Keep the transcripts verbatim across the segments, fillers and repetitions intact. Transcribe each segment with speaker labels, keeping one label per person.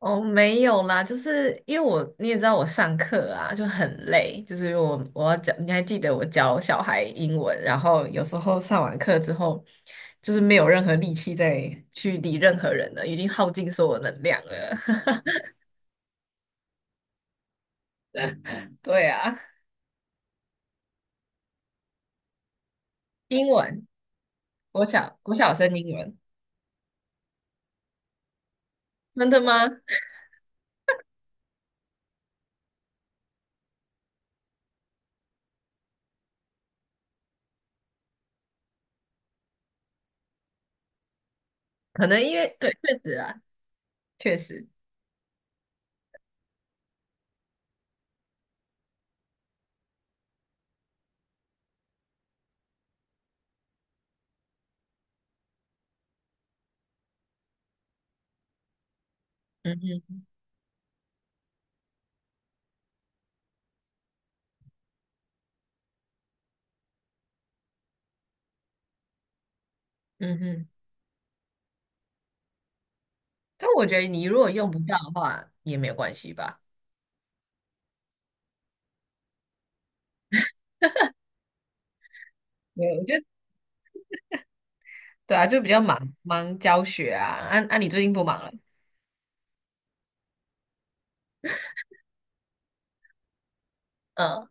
Speaker 1: 哦，没有啦，就是因为我你也知道我上课啊就很累，就是我我要教，你还记得我教小孩英文，然后有时候上完课之后，就是没有任何力气再去理任何人了，已经耗尽所有能量了。对啊，英文，国小国小生英文，真的吗？可能因为对，确实啊，确实，嗯哼，嗯哼，但我觉得你如果用不到的话也没有关系吧。没有，我觉得对啊，就比较忙忙教学啊。啊啊，你最近不忙了？嗯，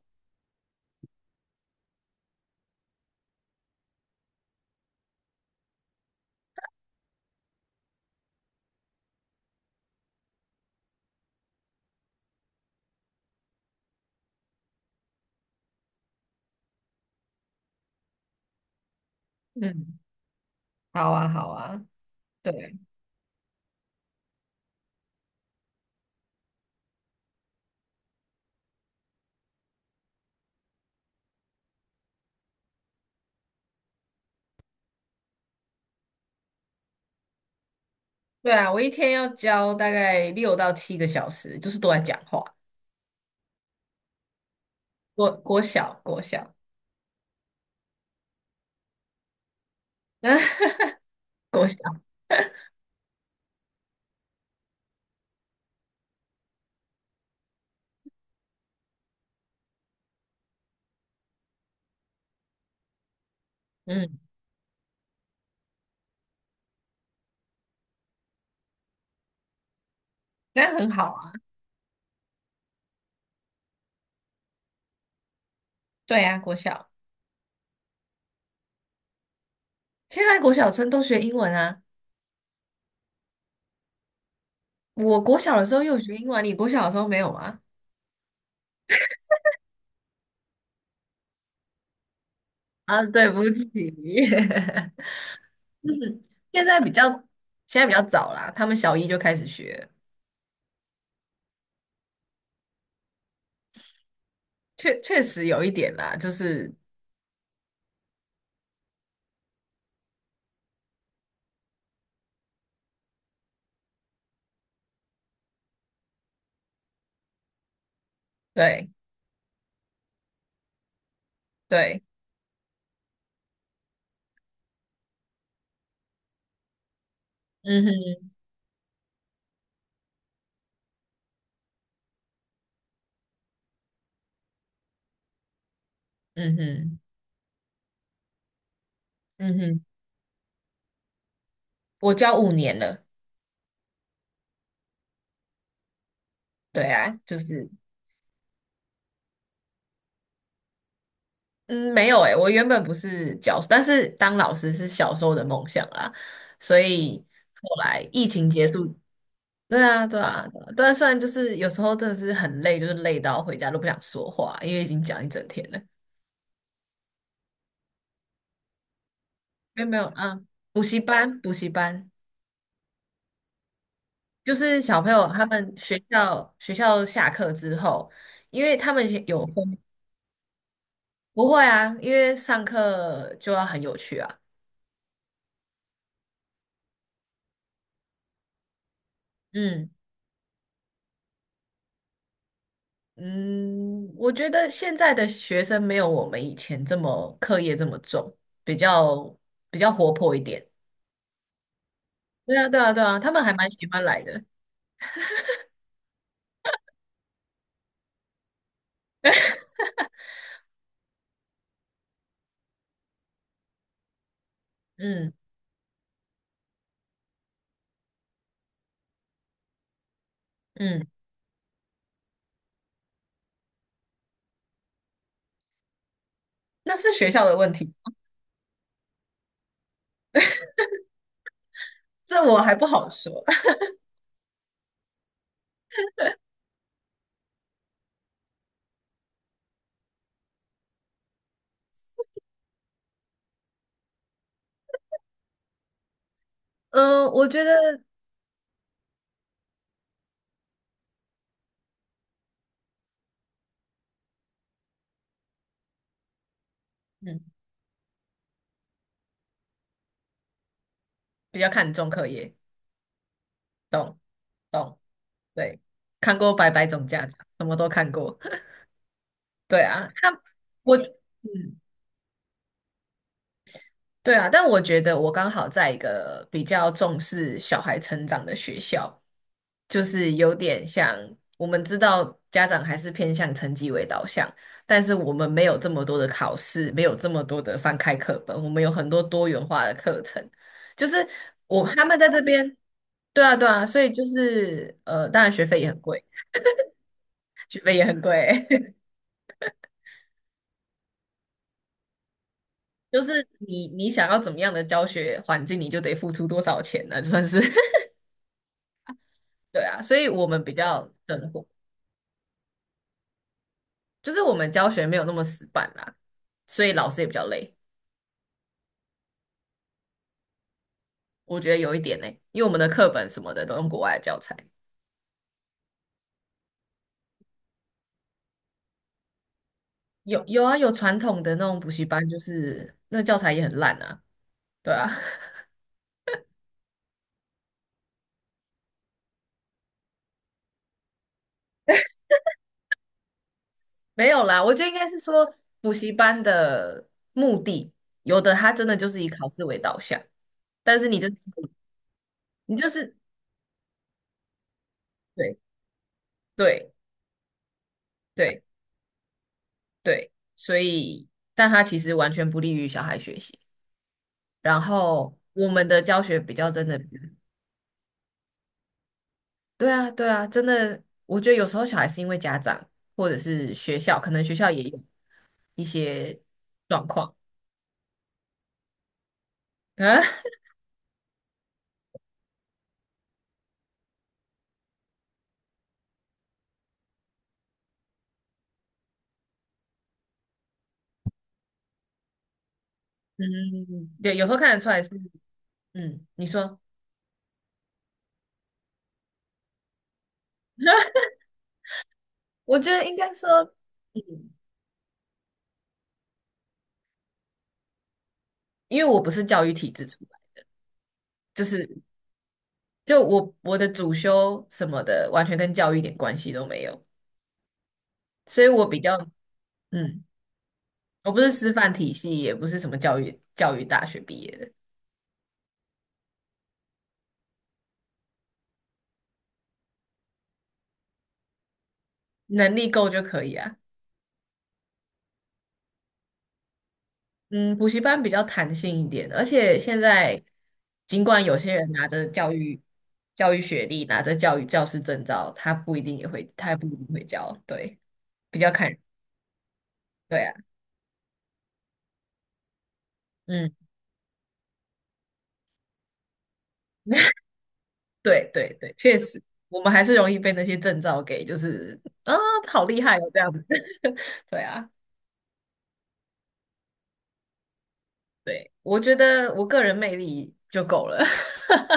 Speaker 1: 嗯，好啊，好啊，对，对啊，我一天要教大概六到七个小时，就是都在讲话。国国小，国小，国小，嗯，这样很好啊。对啊，国小。现在国小生都学英文啊。我国小的时候又有学英文啊，你国小的时候没有吗？啊，对不起，嗯，现在比较，现在比较早啦，他们小一就开始学，确确实有一点啦，就是对对，嗯哼，嗯哼，嗯哼，我教五年了，对啊，就是嗯，没有诶、我原本不是教，但是当老师是小时候的梦想啦，所以后来疫情结束，对啊，对啊，对啊，对啊虽然就是有时候真的是很累，就是累到回家都不想说话，因为已经讲一整天了。没有没有，嗯，补习班，补习班就是小朋友他们学校学校下课之后，因为他们有分不会啊，因为上课就要很有趣啊。嗯嗯，我觉得现在的学生没有我们以前这么课业这么重，比较比较活泼一点。对啊，对啊，对啊，他们还蛮喜欢来的。嗯嗯，那是学校的问题，这我还不好说。嗯，我觉得嗯，比较看重课业，懂懂，对，看过《百百种家长》，什么都看过。对啊，他我嗯对啊，但我觉得我刚好在一个比较重视小孩成长的学校，就是有点像我们知道家长还是偏向成绩为导向，但是我们没有这么多的考试，没有这么多的翻开课本，我们有很多多元化的课程。就是我他们在这边，对啊对啊，所以就是呃，当然学费也很贵，学费也很贵，就是你你想要怎么样的教学环境，你就得付出多少钱呢、就算是。对啊，所以我们比较灵活，就是我们教学没有那么死板啦，所以老师也比较累。我觉得有一点呢、因为我们的课本什么的都用国外的教材，有有啊，有传统的那种补习班，就是那教材也很烂啊，对啊，没有啦，我觉得应该是说补习班的目的，有的他真的就是以考试为导向，但是你就你就是对对对对，所以但他其实完全不利于小孩学习。然后我们的教学比较真的，对啊，对啊，真的，我觉得有时候小孩是因为家长或者是学校，可能学校也有一些状况啊，嗯，对，有时候看得出来是，嗯，你说，我觉得应该说，嗯，因为我不是教育体制出来，就是就我我的主修什么的，完全跟教育一点关系都没有，所以我比较，嗯，我不是师范体系，也不是什么教育教育大学毕业的，能力够就可以啊。嗯，补习班比较弹性一点，而且现在尽管有些人拿着教育教育学历，拿着教育教师证照，他不一定也会，他也不一定会教，对，比较看人，对啊，嗯，对对对，确实，我们还是容易被那些证照给，就是啊，好厉害哦，这样子，对啊，对，我觉得我个人魅力就够了，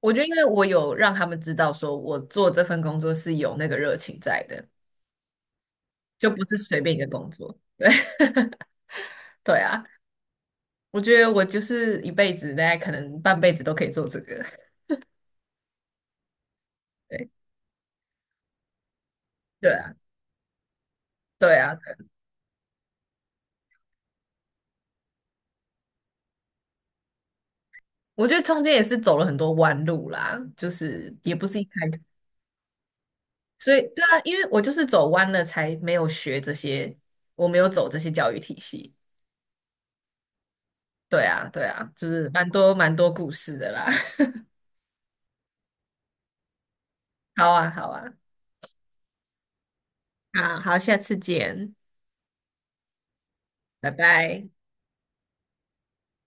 Speaker 1: 我觉得因为我有让他们知道，说我做这份工作是有那个热情在的，就不是随便一个工作。对。对啊，我觉得我就是一辈子，大概可能半辈子都可以做这个。对，对啊，对啊，对我觉得中间也是走了很多弯路啦，就是也不是一开始，所以对啊，因为我就是走弯了，才没有学这些，我没有走这些教育体系。对啊，对啊，就是蛮多蛮多故事的啦。好啊，好啊，好好，下次见，拜拜。